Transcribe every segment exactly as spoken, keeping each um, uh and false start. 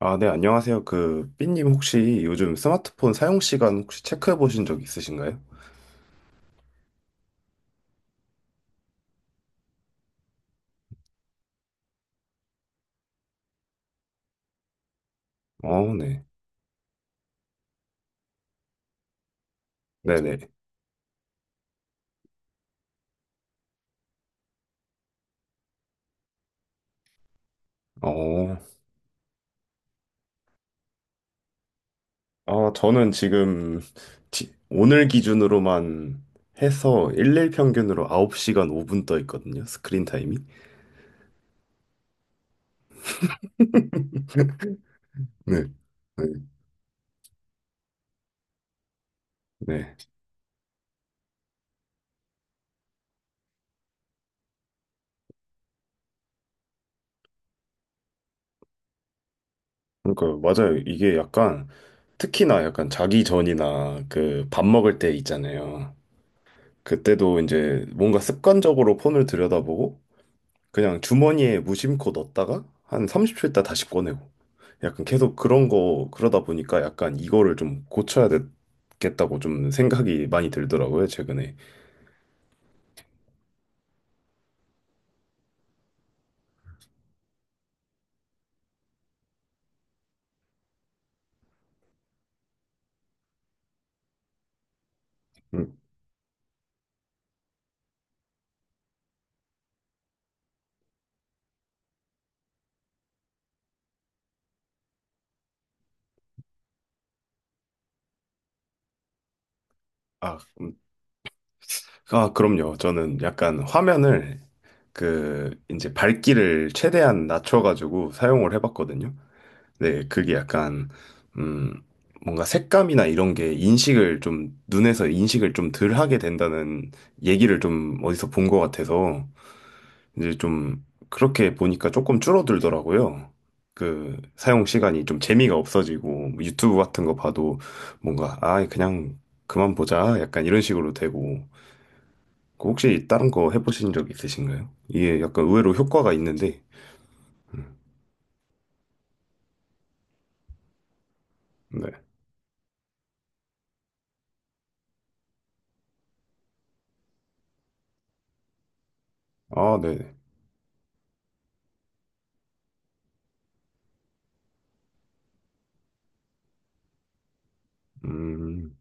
아, 네, 안녕하세요. 그, 삐님 혹시 요즘 스마트폰 사용 시간 혹시 체크해 보신 적 있으신가요? 어, 네. 네네. 어, 아, 저는 지금 지- 오늘 기준으로만 해서 일일 평균으로 아홉 시간 오 분 떠 있거든요. 스크린 타임이. 네. 네. 네. 그러니까 맞아요. 이게 약간 특히나 약간 자기 전이나 그 밥 먹을 때 있잖아요. 그때도 이제 뭔가 습관적으로 폰을 들여다보고 그냥 주머니에 무심코 넣었다가 한 삼십 초 있다 다시 꺼내고 약간 계속 그런 거 그러다 보니까 약간 이거를 좀 고쳐야 되겠다고 좀 생각이 많이 들더라고요, 최근에. 음. 아, 음. 아, 그럼요. 저는 약간 화면을 그 이제 밝기를 최대한 낮춰가지고 사용을 해봤거든요. 네, 그게 약간 음 뭔가 색감이나 이런 게 인식을 좀 눈에서 인식을 좀 덜 하게 된다는 얘기를 좀 어디서 본 것 같아서 이제 좀 그렇게 보니까 조금 줄어들더라고요. 그 사용 시간이 좀 재미가 없어지고 뭐 유튜브 같은 거 봐도 뭔가 아 그냥 그만 보자 약간 이런 식으로 되고 그 혹시 다른 거 해보신 적 있으신가요? 이게 약간 의외로 효과가 있는데 네. 아 네. 음.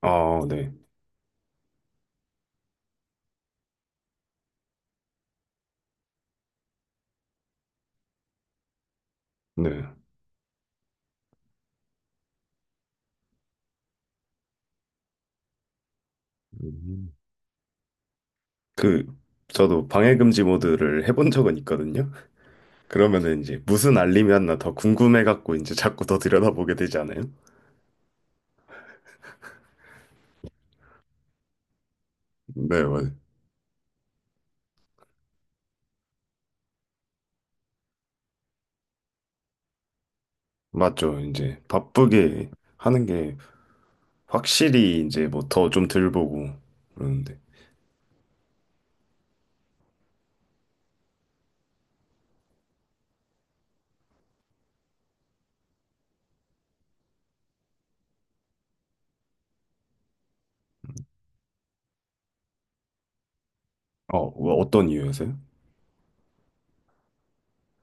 아 네. 네. 음. 그 저도 방해금지 모드를 해본 적은 있거든요. 그러면은 이제 무슨 알림이 왔나 더 궁금해갖고 이제 자꾸 더 들여다보게 되지 않아요? 네, 맞아요. 맞죠. 이제 바쁘게 하는 게 확실히 이제 뭐 더 좀 덜 보고 그러는데. 어, 뭐 어떤 이유에서요?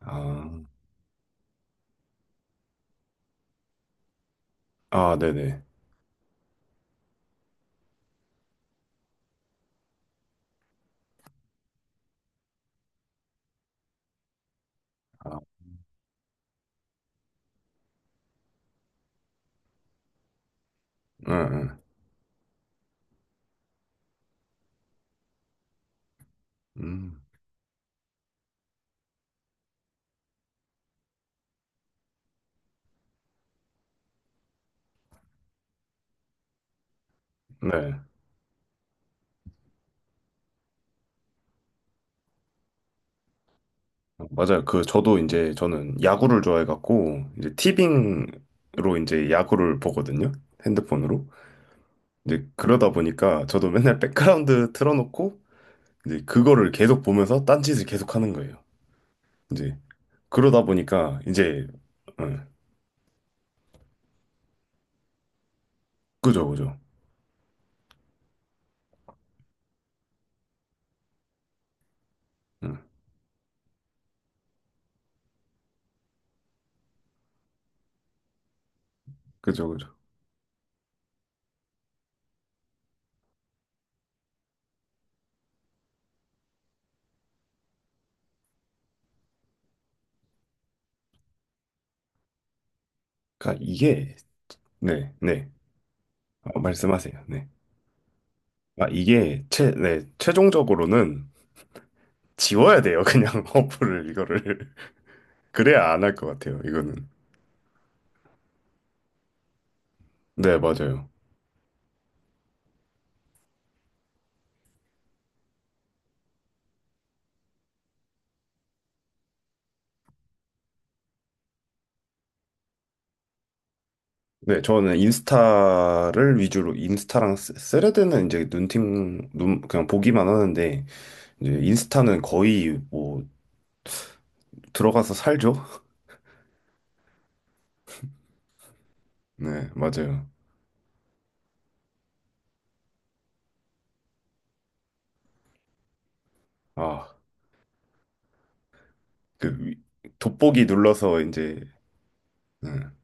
아, 아, 네네. 아, 응, 응. 음, 네. 어, 맞아요. 그, 저도 이제 저는 야구를 좋아해갖고, 이제 티빙으로 이제 야구를 보거든요. 핸드폰으로. 이제 그러다 보니까 저도 맨날 백그라운드 틀어놓고, 이제 그거를 계속 보면서 딴짓을 계속 하는 거예요. 이제 그러다 보니까 이제, 응, 그죠, 그죠. 응. 그죠, 그죠. 그러니까 이게 네, 네. 어, 말씀하세요. 네. 아, 이게 최, 네, 최종적으로는 지워야 돼요. 그냥 어플을 이거를 그래야 안 할 것 같아요. 이거는. 네, 맞아요. 네, 저는 인스타를 위주로 인스타랑 쓰- 레드는 이제 눈팅 눈 그냥 보기만 하는데 이제 인스타는 거의 뭐 들어가서 살죠. 네, 맞아요. 아, 그 위- 돋보기 눌러서 이제 음.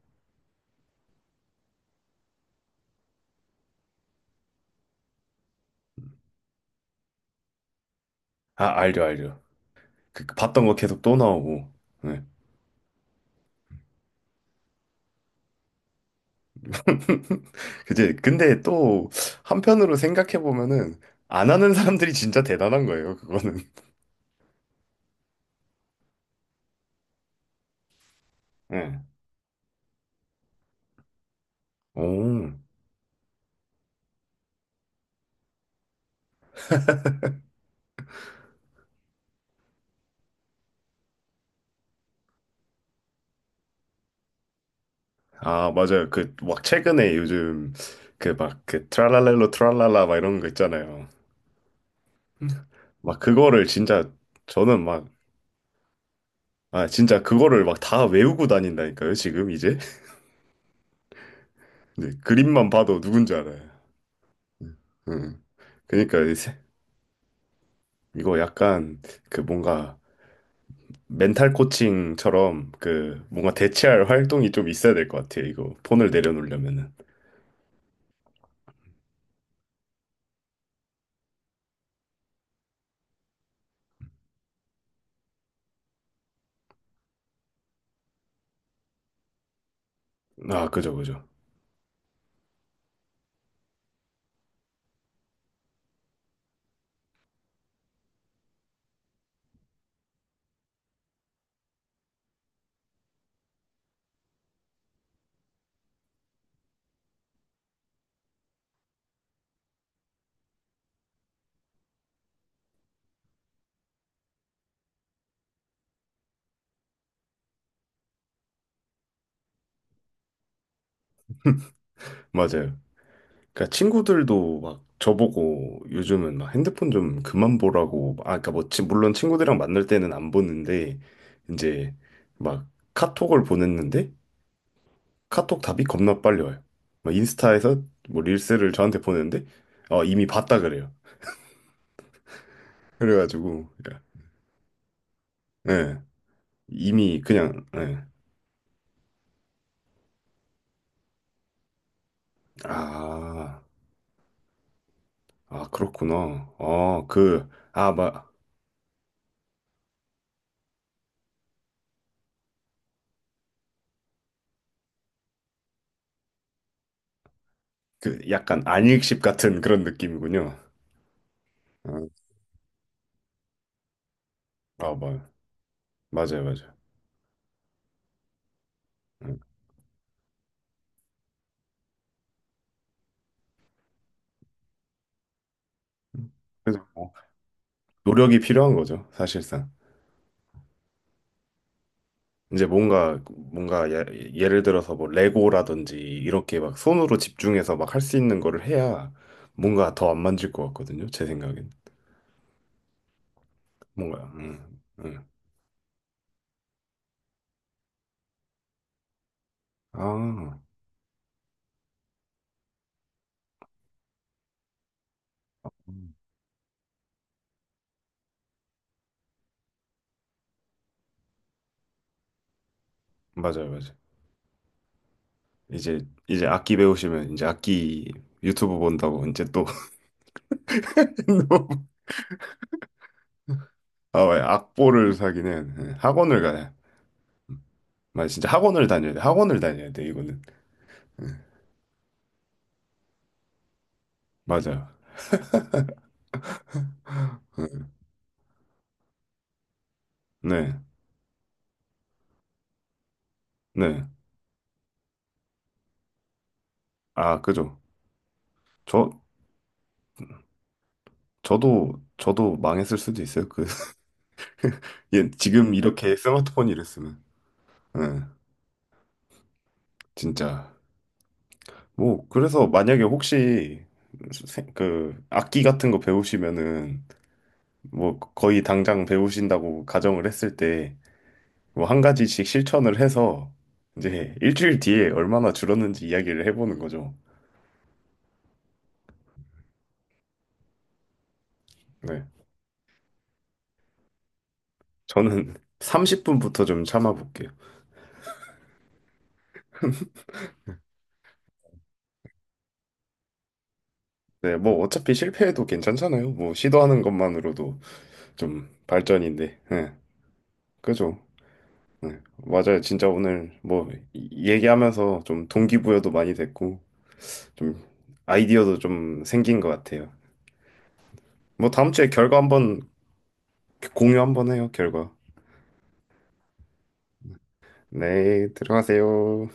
아, 알죠, 알죠. 그- 그 봤던 거 계속 또 나오고. 네. 그지? 근데 또 한편으로 생각해 보면은 안 하는 사람들이 진짜 대단한 거예요, 그거는. 예. 오. 아, 맞아요. 그 막 최근에 요즘 그 막 그 트랄랄렐로 트랄랄라 막 이런 거 있잖아요. 막 그거를 진짜 저는 막 아, 진짜 그거를 막 다 외우고 다닌다니까요, 지금 이제. 네, 그림만 봐도 누군지 알아요. 음. 그러니까 이제 이거 약간 그 뭔가 멘탈 코칭처럼 그 뭔가 대체할 활동이 좀 있어야 될 것 같아요. 이거 폰을 내려놓으려면은. 아, 그죠, 그죠. 맞아요. 그러니까 친구들도 막 저보고 요즘은 막 핸드폰 좀 그만 보라고 아, 그러니까 뭐 지- 물론 친구들이랑 만날 때는 안 보는데 이제 막 카톡을 보냈는데 카톡 답이 겁나 빨리 와요. 막 인스타에서 뭐 릴스를 저한테 보냈는데 어, 이미 봤다 그래요. 그래가지고 그러니까 예. 이미 그냥 예. 아. 아, 그렇구나. 아, 그, 아, 막, 그, 약간 안익십 같은 그런 느낌이군요. 응. 아, 뭐, 맞아요, 맞아요. 응. 그래서 뭐, 노력이 필요한 거죠, 사실상. 이제 뭔가, 뭔가, 예, 예를 들어서 뭐, 레고라든지, 이렇게 막 손으로 집중해서 막 할 수 있는 거를 해야 뭔가 더 안 만질 것 같거든요, 제 생각엔. 뭔가, 응, 응. 아, 음. 맞아요, 맞아요. 이제, 이제, 악기 배우시면, 이제 악기 유튜브 본다고, 이제 또, 아, 왜 악보를 사기는 예, 학원을 가야. 맞아, 진짜 학원을 다녀야 돼. 학원을 다녀야 돼, 이거는. 맞아요. 예, 네, 네. 아, 그죠. 저, 저도, 저도 망했을 수도 있어요. 그, 예, 지금 이렇게 스마트폰이 이랬으면. 예, 진짜. 뭐, 그래서 만약에 혹시, 세- 그, 악기 같은 거 배우시면은, 뭐, 거의 당장 배우신다고 가정을 했을 때, 뭐 한 가지씩 실천을 해서 이제 일주일 뒤에 얼마나 줄었는지 이야기를 해보는 거죠. 네. 저는 삼십 분부터 좀 참아볼게요. 네, 뭐 어차피 실패해도 괜찮잖아요. 뭐 시도하는 것만으로도 좀 발전인데. 네, 그죠. 네, 맞아요. 진짜 오늘 뭐 이- 얘기하면서 좀 동기부여도 많이 됐고 좀 아이디어도 좀 생긴 것 같아요. 뭐 다음 주에 결과 한번 공유 한번 해요, 결과. 네, 들어가세요.